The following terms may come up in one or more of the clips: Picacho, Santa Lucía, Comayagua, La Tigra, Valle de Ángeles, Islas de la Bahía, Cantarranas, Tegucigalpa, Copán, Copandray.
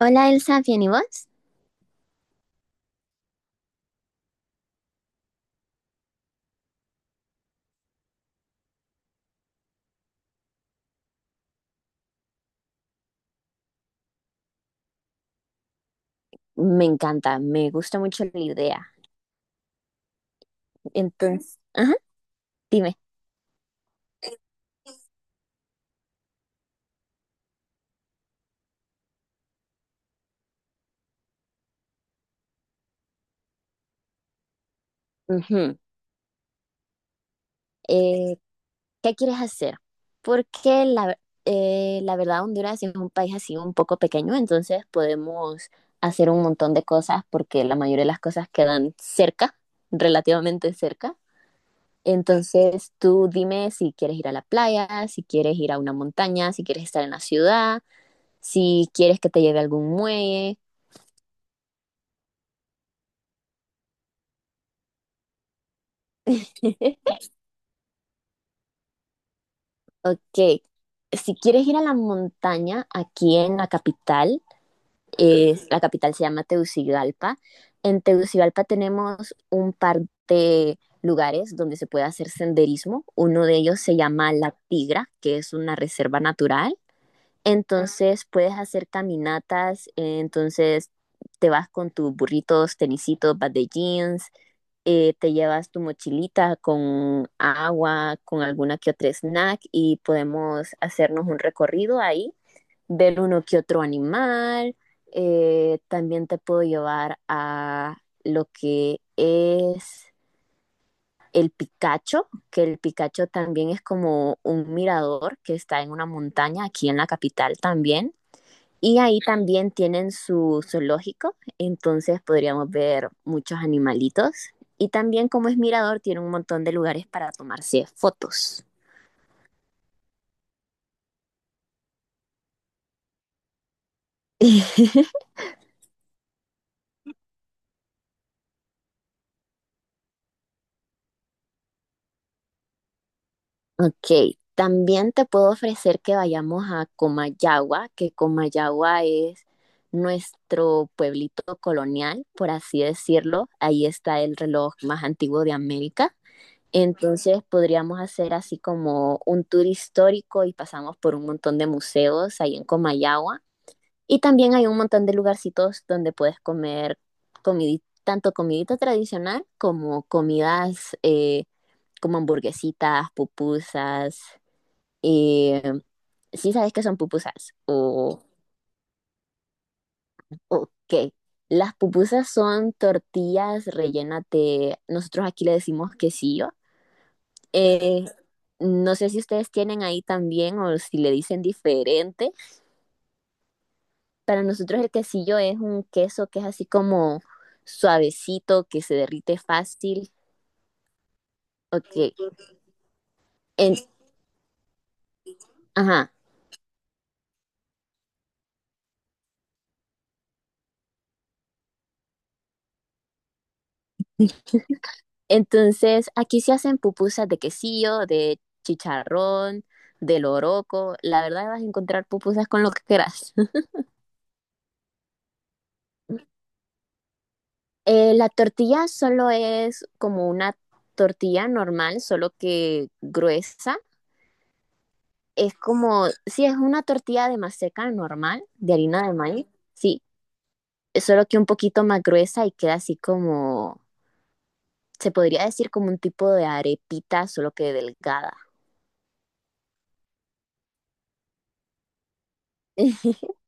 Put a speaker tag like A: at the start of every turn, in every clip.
A: Hola Elsa, ¿bien y vos? Me encanta, me gusta mucho la idea. Entonces, ajá, dime. Ujú, eh, ¿qué quieres hacer? Porque la verdad, Honduras es un país así un poco pequeño. Entonces, podemos hacer un montón de cosas porque la mayoría de las cosas quedan cerca, relativamente cerca. Entonces, tú dime si quieres ir a la playa, si quieres ir a una montaña, si quieres estar en la ciudad, si quieres que te lleve a algún muelle. Ok, si quieres ir a la montaña aquí en la capital, la capital se llama Tegucigalpa. En Tegucigalpa tenemos un par de lugares donde se puede hacer senderismo. Uno de ellos se llama La Tigra, que es una reserva natural. Entonces puedes hacer caminatas. Entonces te vas con tus burritos, tenisitos, vas de jeans. Te llevas tu mochilita con agua, con alguna que otra snack y podemos hacernos un recorrido ahí, ver uno que otro animal. También te puedo llevar a lo que es el Picacho, que el Picacho también es como un mirador que está en una montaña aquí en la capital también. Y ahí también tienen su zoológico, entonces podríamos ver muchos animalitos. Y también, como es mirador, tiene un montón de lugares para tomarse fotos. Ok, también te puedo ofrecer que vayamos a Comayagua, que Comayagua es nuestro pueblito colonial, por así decirlo. Ahí está el reloj más antiguo de América. Entonces podríamos hacer así como un tour histórico y pasamos por un montón de museos ahí en Comayagua. Y también hay un montón de lugarcitos donde puedes comer tanto comidita tradicional como comidas, como hamburguesitas, pupusas. Eh, ¿Sí sabes qué son pupusas? Ok. Las pupusas son tortillas rellenas nosotros aquí le decimos quesillo. Eh, no sé si ustedes tienen ahí también o si le dicen diferente. Para nosotros el quesillo es un queso que es así como suavecito, que se derrite fácil. Ok. En- ajá. Entonces, aquí se hacen pupusas de quesillo, de chicharrón, de loroco. La verdad vas a encontrar pupusas con lo que quieras. La tortilla solo es como una tortilla normal, solo que gruesa. Es como, sí, es una tortilla de maseca normal, de harina de maíz, sí, solo que un poquito más gruesa y queda así como, se podría decir, como un tipo de arepita, solo que delgada.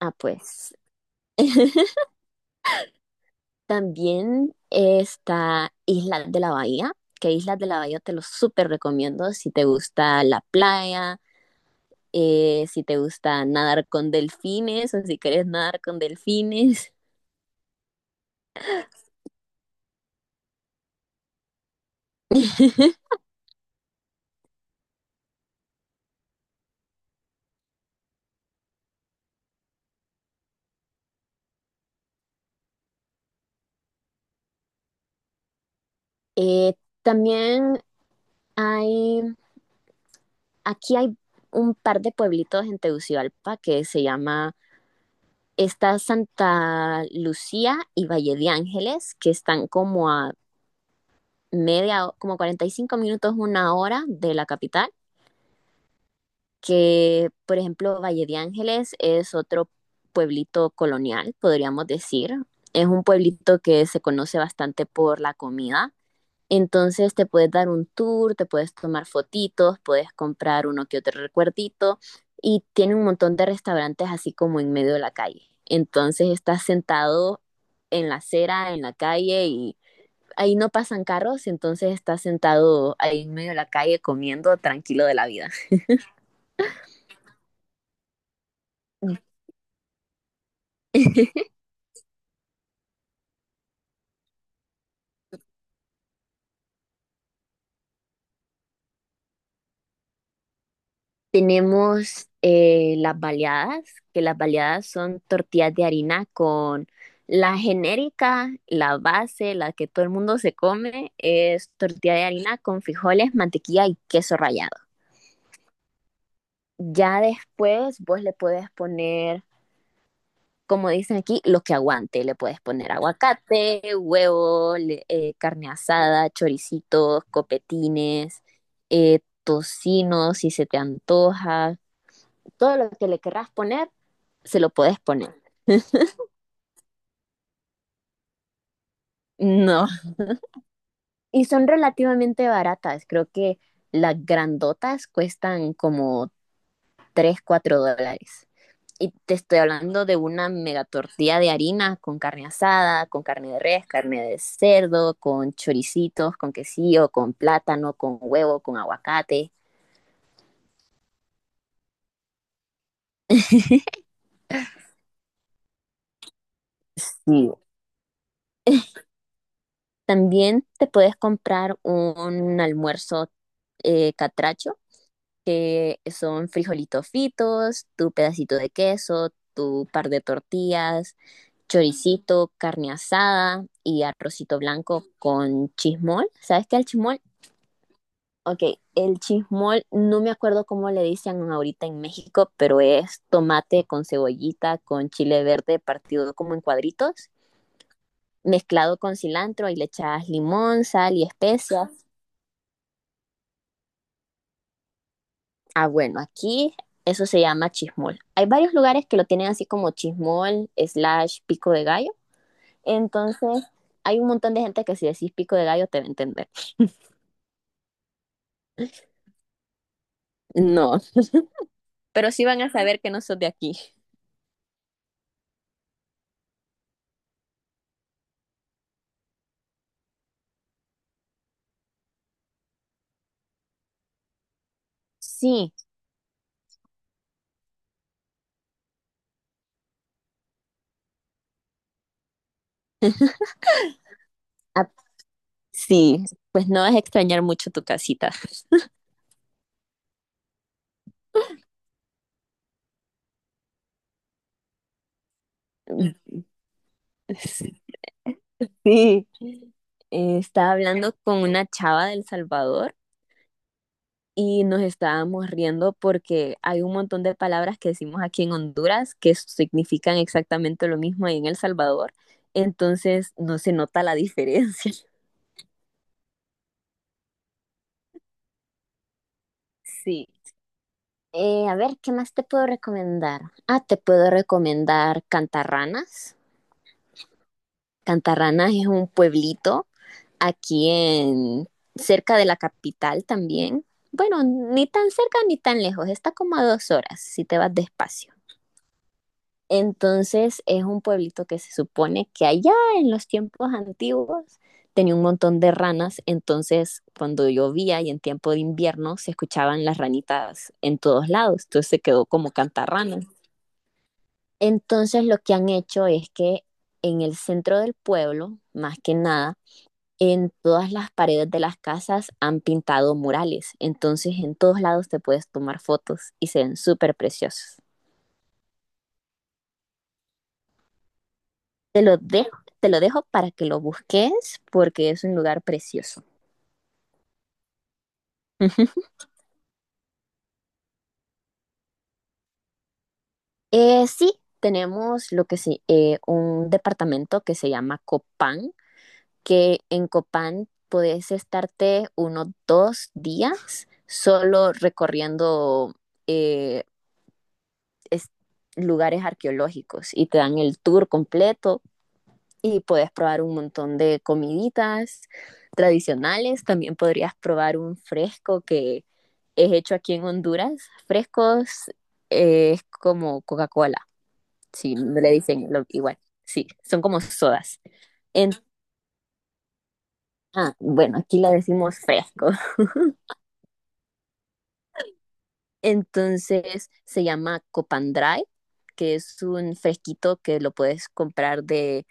A: Ah, pues. También está Islas de la Bahía, que Islas de la Bahía te lo súper recomiendo si te gusta la playa, si te gusta nadar con delfines o si quieres nadar con delfines. Eh, También Hay, aquí hay un par de pueblitos en Tegucigalpa que se llama, está Santa Lucía y Valle de Ángeles, que están como a como 45 minutos, una hora de la capital, que por ejemplo Valle de Ángeles es otro pueblito colonial, podríamos decir. Es un pueblito que se conoce bastante por la comida. Entonces te puedes dar un tour, te puedes tomar fotitos, puedes comprar uno que otro recuerdito y tiene un montón de restaurantes así como en medio de la calle. Entonces estás sentado en la acera, en la calle, y ahí no pasan carros, entonces estás sentado ahí en medio de la calle comiendo tranquilo de la vida. Tenemos, las baleadas, que las baleadas son tortillas de harina con la genérica, la base, la que todo el mundo se come, es tortilla de harina con frijoles, mantequilla y queso rallado. Ya después vos le puedes poner, como dicen aquí, lo que aguante. Le puedes poner aguacate, huevo, carne asada, choricitos, copetines, tocino, si se te antoja, todo lo que le querrás poner se lo puedes poner. No. Y son relativamente baratas. Creo que las grandotas cuestan como 3 4 dólares. Y te estoy hablando de una mega tortilla de harina con carne asada, con carne de res, carne de cerdo, con choricitos, con quesillo, con plátano, con huevo, con aguacate. Sí. También te puedes comprar un almuerzo, catracho, que son frijolitos fritos, tu pedacito de queso, tu par de tortillas, choricito, carne asada y arrocito blanco con chismol. ¿Sabes qué es el chismol? Ok, el chismol, no me acuerdo cómo le dicen ahorita en México, pero es tomate con cebollita, con chile verde partido como en cuadritos, mezclado con cilantro y le echas limón, sal y especias. Ah, bueno, aquí eso se llama chismol. Hay varios lugares que lo tienen así como chismol slash pico de gallo. Entonces, hay un montón de gente que si decís pico de gallo te va a entender. No, pero sí van a saber que no sos de aquí. Sí, ah, sí, pues no vas a extrañar mucho tu casita. Sí, estaba hablando con una chava del Salvador y nos estábamos riendo porque hay un montón de palabras que decimos aquí en Honduras que significan exactamente lo mismo ahí en El Salvador, entonces no se nota la diferencia. Sí. A ver, ¿qué más te puedo recomendar? Ah, te puedo recomendar Cantarranas. Cantarranas es un pueblito aquí, en cerca de la capital también. Bueno, ni tan cerca ni tan lejos, está como a 2 horas si te vas despacio. Entonces es un pueblito que se supone que allá en los tiempos antiguos tenía un montón de ranas, entonces cuando llovía y en tiempo de invierno se escuchaban las ranitas en todos lados, entonces se quedó como Cantarranas. Entonces lo que han hecho es que en el centro del pueblo, más que nada, en todas las paredes de las casas han pintado murales, entonces en todos lados te puedes tomar fotos y se ven súper preciosos. Te lo dejo para que lo busques porque es un lugar precioso. Sí, tenemos lo que sí, un departamento que se llama Copán, que en Copán puedes estarte unos 2 días solo recorriendo, eh, es- lugares arqueológicos y te dan el tour completo y puedes probar un montón de comiditas tradicionales. También podrías probar un fresco que es hecho aquí en Honduras. Frescos, es como Coca-Cola, sí no le dicen igual. Sí, son como sodas. En- ah, bueno, aquí la decimos fresco. Entonces se llama Copandray, que es un fresquito que lo puedes comprar de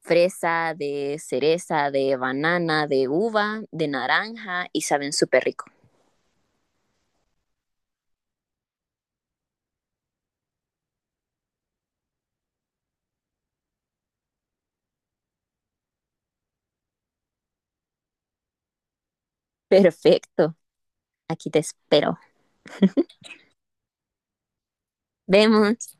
A: fresa, de cereza, de banana, de uva, de naranja y saben súper rico. Perfecto, aquí te espero. Vemos.